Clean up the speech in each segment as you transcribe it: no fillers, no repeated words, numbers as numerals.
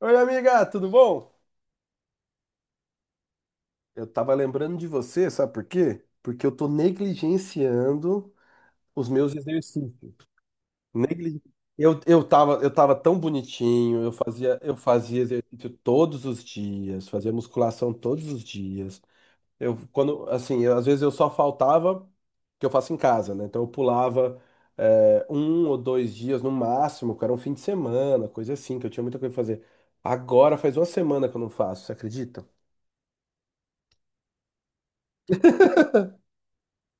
Oi, amiga, tudo bom? Eu tava lembrando de você, sabe por quê? Porque eu tô negligenciando os meus exercícios. Negli... eu tava tão bonitinho, eu fazia exercício todos os dias, fazia musculação todos os dias. Eu, quando, assim, às vezes eu só faltava que eu faço em casa, né? Então eu pulava um ou dois dias no máximo, que era um fim de semana, coisa assim, que eu tinha muita coisa pra fazer. Agora faz uma semana que eu não faço, você acredita?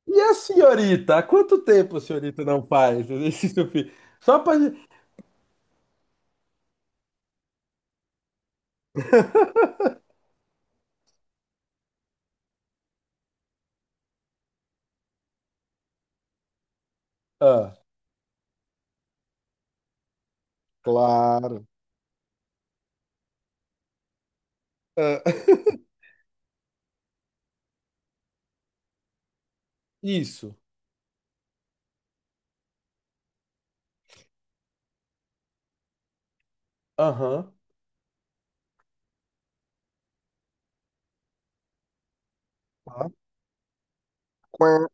E a senhorita? Há quanto tempo a senhorita não faz exercício físico? Só pra. Ah, claro. Ah, isso. Aham. Tá. Quá.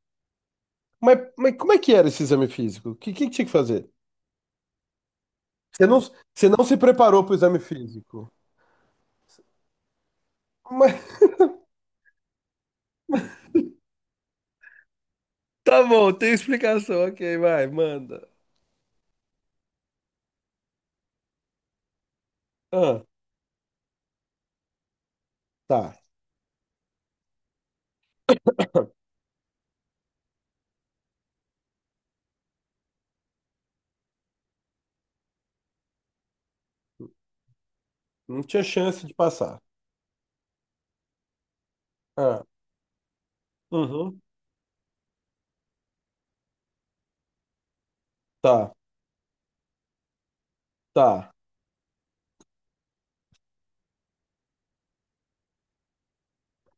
Mas como é que era esse exame físico? O que tinha que fazer? Você não se preparou para o exame físico. Mas tá bom, tem explicação. Ok, vai, manda. Ah, tá. Não tinha chance de passar. Ah, uhum. Tá, tá.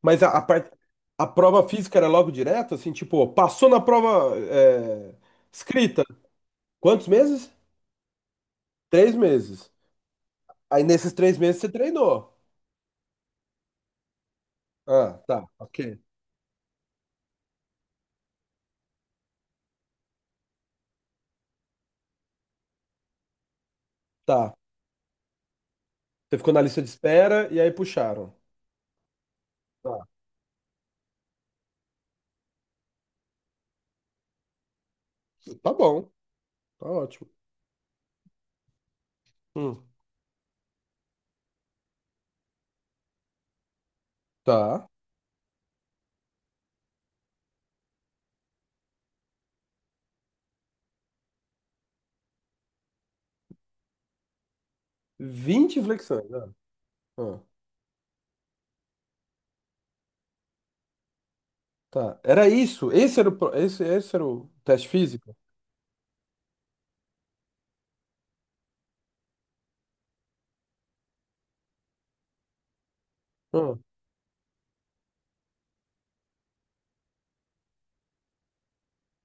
Mas a prova física era logo direto, assim, tipo, passou na prova escrita. Quantos meses? 3 meses. Aí nesses 3 meses você treinou. Ah, tá, ok. Tá. Você ficou na lista de espera e aí puxaram. Tá, tá bom, tá ótimo. Hum, tá. 20 flexões. Ah, ah, tá. Era isso. Esse era esse era o teste físico? Ah,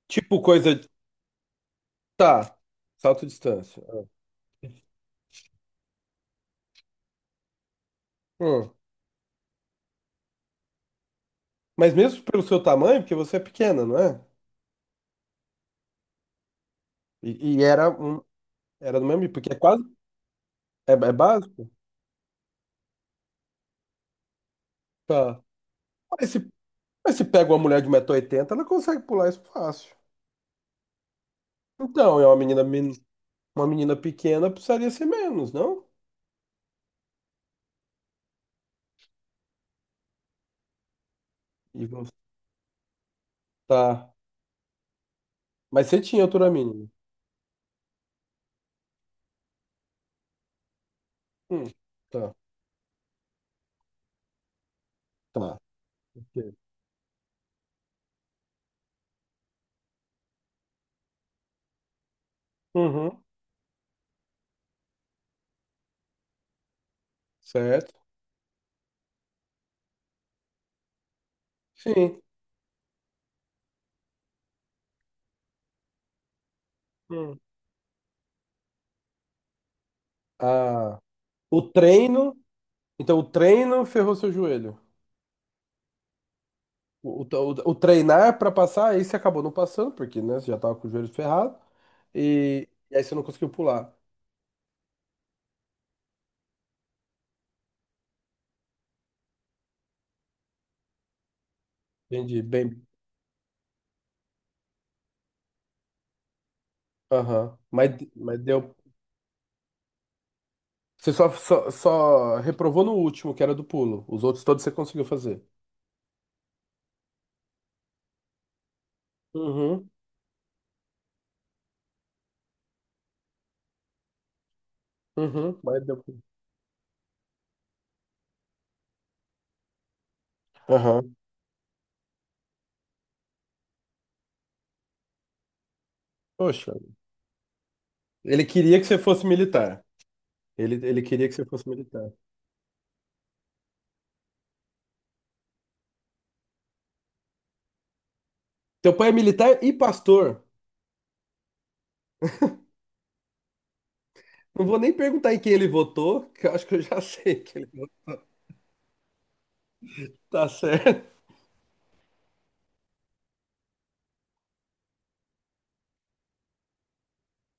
tipo coisa. de- Tá. Salto distância. Hum. Mas mesmo pelo seu tamanho, porque você é pequena, não é? E, e era, um, era do mesmo porque é quase. É, é básico? Tá. Mas se, mas se pega uma mulher de 180 oitenta, ela consegue pular isso fácil. Então, é uma menina pequena, precisaria ser menos, não? E você- tá. Mas você tinha altura mínima. Hum, tá, tá. Ok. Uhum, certo. Sim. Hum. Ah, o treino. Então, o treino ferrou seu joelho. Treinar pra passar, aí você acabou não passando, porque, né, você já tava com o joelho ferrado, e aí você não conseguiu pular. Entendi, bem, aham. Mas deu, você só reprovou no último, que era do pulo. Os outros todos você conseguiu fazer. Uhum, uhum, mas deu. Aham. Poxa, ele queria que você fosse militar. Ele queria que você fosse militar. Teu pai é militar e pastor. Não vou nem perguntar em quem ele votou, que eu acho que eu já sei que ele tá certo.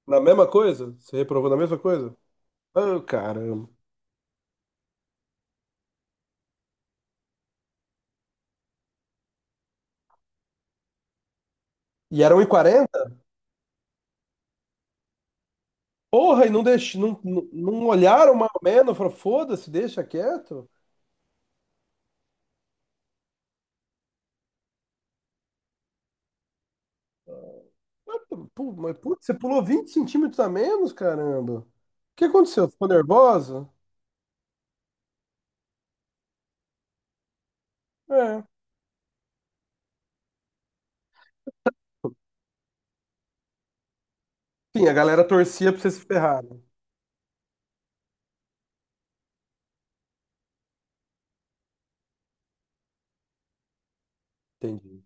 Na mesma coisa? Você reprovou na mesma coisa? Ah, caramba. E era 1,40. Porra, e não, não, não não olharam mais ou menos? Falaram, foda-se, deixa quieto? Mas, putz, você pulou 20 centímetros a menos, caramba. O que aconteceu? Ficou nervosa? É. Sim, a galera torcia pra você se ferrar, né? Entendi.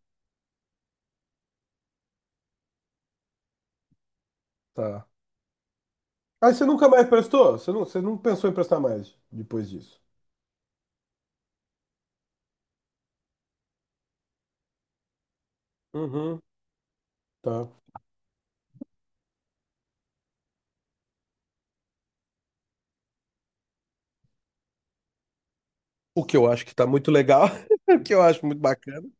Tá. Aí você nunca mais prestou? Você não pensou em prestar mais depois disso? Uhum, tá. O que eu acho que tá muito legal, o que eu acho muito bacana.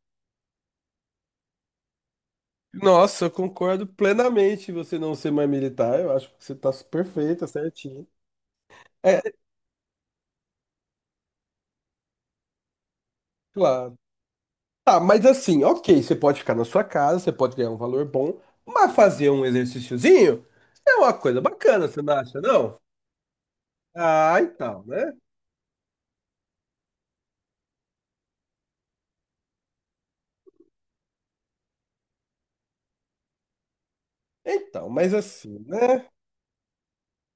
Nossa, eu concordo plenamente em você não ser mais militar. Eu acho que você tá perfeita, certinho. É, claro. Tá, mas assim, ok, você pode ficar na sua casa, você pode ganhar um valor bom, mas fazer um exercíciozinho é uma coisa bacana, você não acha, não? Ah, então, né? Então, mas assim, né?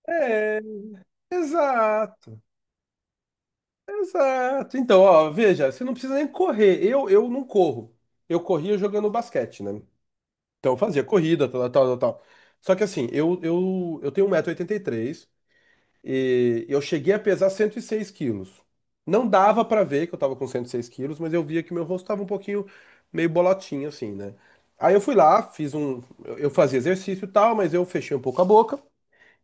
É, exato, exato. Então, ó, veja, você não precisa nem correr. Eu não corro. Eu corria jogando basquete, né? Então eu fazia corrida, tal, tal, tal, tal. Só que assim, eu tenho 1,83 m e oitenta e três e eu cheguei a pesar 106 quilos. Não dava pra ver que eu tava com 106 quilos, mas eu via que meu rosto tava um pouquinho meio bolotinho, assim, né? Aí eu fui lá, fiz um. Eu fazia exercício e tal, mas eu fechei um pouco a boca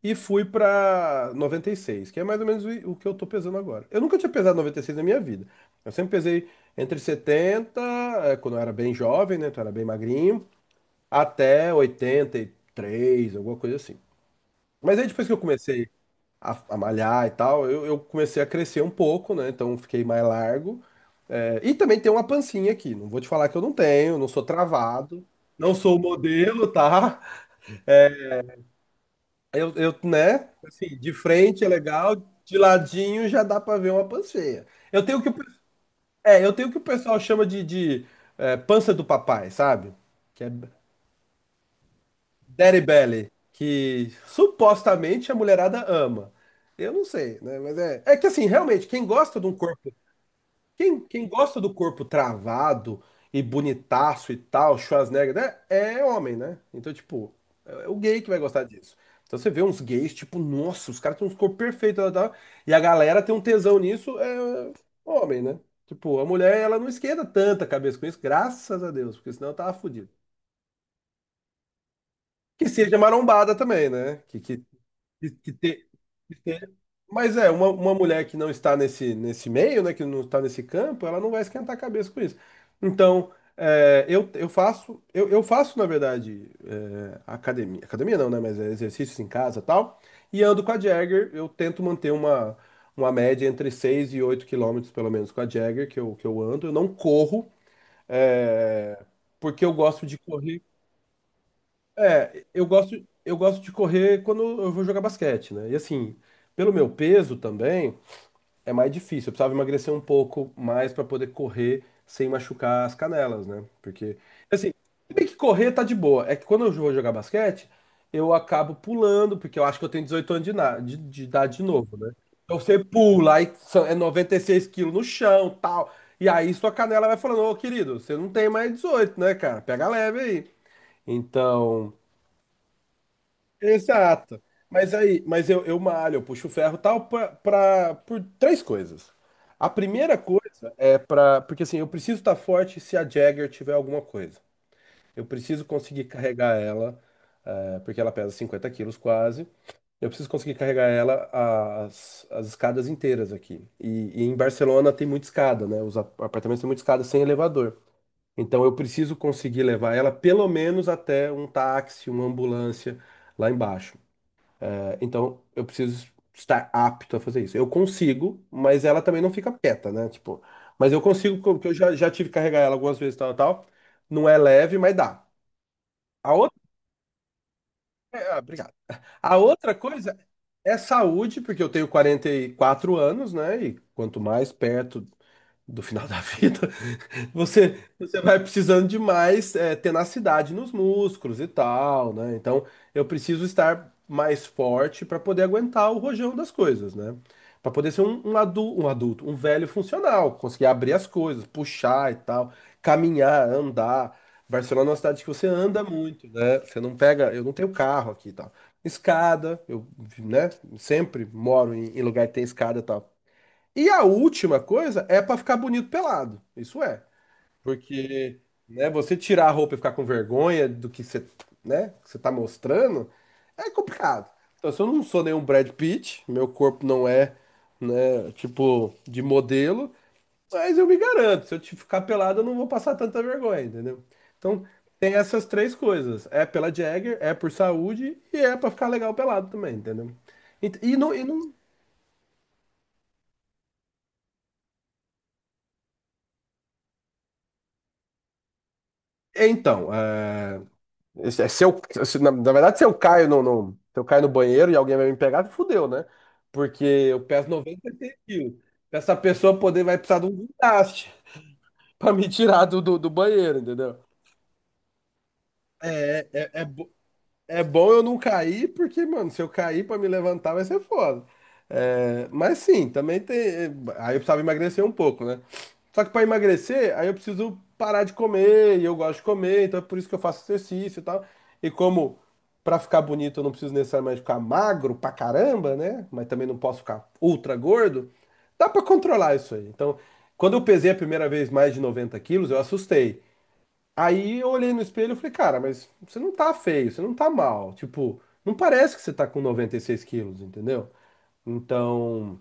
e fui pra 96, que é mais ou menos o que eu tô pesando agora. Eu nunca tinha pesado 96 na minha vida. Eu sempre pesei entre 70, quando eu era bem jovem, né? Então eu era bem magrinho. Até 83, alguma coisa assim. Mas aí depois que eu comecei a malhar e tal, eu comecei a crescer um pouco, né? Então fiquei mais largo. É, e também tem uma pancinha aqui. Não vou te falar que eu não tenho, não sou travado, não sou modelo, tá? Eu, né? Assim, de frente é legal, de ladinho já dá pra ver uma panceia. Eu tenho o que, eu tenho o que o pessoal chama pança do papai, sabe? Que é Daddy Belly, que supostamente a mulherada ama. Eu não sei, né? Mas é, é que assim, realmente, quem gosta de um corpo, quem gosta do corpo travado e bonitaço e tal, Schwarzenegger, né? É homem, né? Então, tipo, é o gay que vai gostar disso. Então você vê uns gays, tipo, nossa, os caras têm uns corpos perfeitos, tal, tal, tal, e a galera tem um tesão nisso, é homem, né? Tipo, a mulher, ela não esquenta tanta cabeça com isso, graças a Deus, porque senão eu tava fudido. Que seja marombada também, né? Que de- de ter- de ter- Mas uma mulher que não está nesse meio, né, que não está nesse campo, ela não vai esquentar a cabeça com isso. Então, é, eu faço, na verdade, é, academia, academia não, né, mas é exercícios em casa e tal, e ando com a Jagger, eu tento manter uma média entre 6 e 8 quilômetros, pelo menos, com a Jagger, que eu ando, eu não corro, é, porque eu gosto de correr. É, eu gosto de correr quando eu vou jogar basquete, né? E assim, pelo meu peso também, é mais difícil. Eu precisava emagrecer um pouco mais pra poder correr sem machucar as canelas, né? Porque, assim, se bem que correr tá de boa. É que quando eu vou jogar basquete, eu acabo pulando, porque eu acho que eu tenho 18 anos de idade de novo, né? Então você pula, é 96 quilos no chão, tal. E aí sua canela vai falando, ô querido, você não tem mais 18, né, cara? Pega leve aí. Então. Exato. Mas aí, mas eu malho, eu puxo ferro e tal por três coisas. A primeira coisa é pra. Porque assim, eu preciso estar forte se a Jagger tiver alguma coisa. Eu preciso conseguir carregar ela, porque ela pesa 50 quilos quase. Eu preciso conseguir carregar ela as escadas inteiras aqui. E em Barcelona tem muita escada, né? Os apartamentos têm muita escada sem elevador. Então eu preciso conseguir levar ela pelo menos até um táxi, uma ambulância lá embaixo. Então eu preciso estar apto a fazer isso. Eu consigo, mas ela também não fica quieta, né? Tipo, mas eu consigo, porque eu já tive que carregar ela algumas vezes, tal, tal. Não é leve, mas dá. A outra, ah, obrigado. A outra coisa é saúde, porque eu tenho 44 anos, né? E quanto mais perto do final da vida, você, você vai precisando de mais tenacidade nos músculos e tal, né? Então, eu preciso estar mais forte para poder aguentar o rojão das coisas, né? Para poder ser um adulto, um velho funcional, conseguir abrir as coisas, puxar e tal, caminhar, andar. Barcelona é uma cidade que você anda muito, né? Você não pega, eu não tenho carro aqui e tal. Escada, eu, né? Sempre moro em lugar que tem escada e tal. E a última coisa é para ficar bonito pelado. Isso é. Porque, né, você tirar a roupa e ficar com vergonha do que você, né, que você tá mostrando, é complicado. Então, se eu não sou nenhum Brad Pitt, meu corpo não é, né, tipo, de modelo, mas eu me garanto, se eu te ficar pelado, eu não vou passar tanta vergonha, entendeu? Então, tem essas três coisas. É pela Jagger, é por saúde e é pra ficar legal pelado também, entendeu? E não... Então, é, Esse- é, Se eu, se- na verdade, se eu caio se eu caio no banheiro e alguém vai me pegar, fudeu, né? Porque eu peso 96 quilos. Pra essa pessoa poder vai precisar de um guindaste pra me tirar do, do banheiro, entendeu? É, é, é, bo- É bom eu não cair, porque, mano, se eu cair pra me levantar vai ser foda. É, mas sim, também tem. Aí eu precisava emagrecer um pouco, né? Só que pra emagrecer, aí eu preciso parar de comer, e eu gosto de comer, então é por isso que eu faço exercício e tal. E como pra ficar bonito eu não preciso necessariamente ficar magro pra caramba, né? Mas também não posso ficar ultra gordo, dá pra controlar isso aí. Então, quando eu pesei a primeira vez mais de 90 quilos, eu assustei. Aí eu olhei no espelho e falei, cara, mas você não tá feio, você não tá mal. Tipo, não parece que você tá com 96 quilos, entendeu? Então,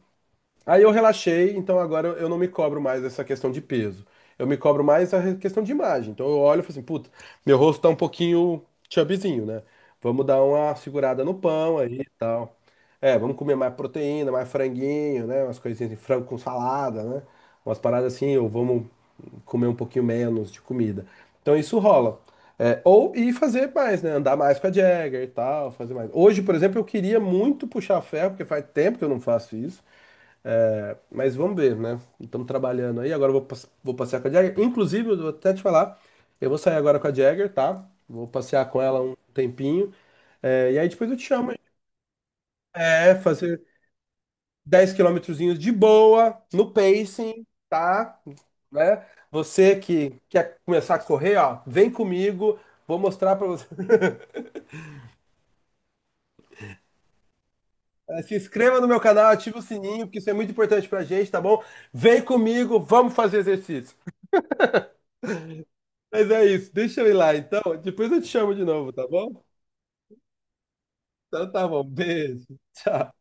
aí eu relaxei, então agora eu não me cobro mais essa questão de peso. Eu me cobro mais a questão de imagem. Então eu olho e falo assim, puta, meu rosto tá um pouquinho chubbyzinho, né? Vamos dar uma segurada no pão aí e tal. É, vamos comer mais proteína, mais franguinho, né? Umas coisinhas de frango com salada, né? Umas paradas assim, ou vamos comer um pouquinho menos de comida. Então isso rola. É, ou e fazer mais, né? Andar mais com a Jagger e tal, fazer mais. Hoje, por exemplo, eu queria muito puxar ferro, porque faz tempo que eu não faço isso. Mas vamos ver, né? Estamos trabalhando aí. Agora eu vou, vou passear com a Jagger. Inclusive, eu vou até te falar, eu vou sair agora com a Jagger, tá? Vou passear com ela um tempinho. É, e aí depois eu te chamo. É, fazer. 10 quilômetrozinhos de boa, no pacing, tá? Né? Você que quer começar a correr, ó, vem comigo, vou mostrar pra você. Se inscreva no meu canal, ativa o sininho, porque isso é muito importante pra gente, tá bom? Vem comigo, vamos fazer exercício. Mas é isso, deixa eu ir lá então, depois eu te chamo de novo, tá bom? Então tá bom, beijo, tchau.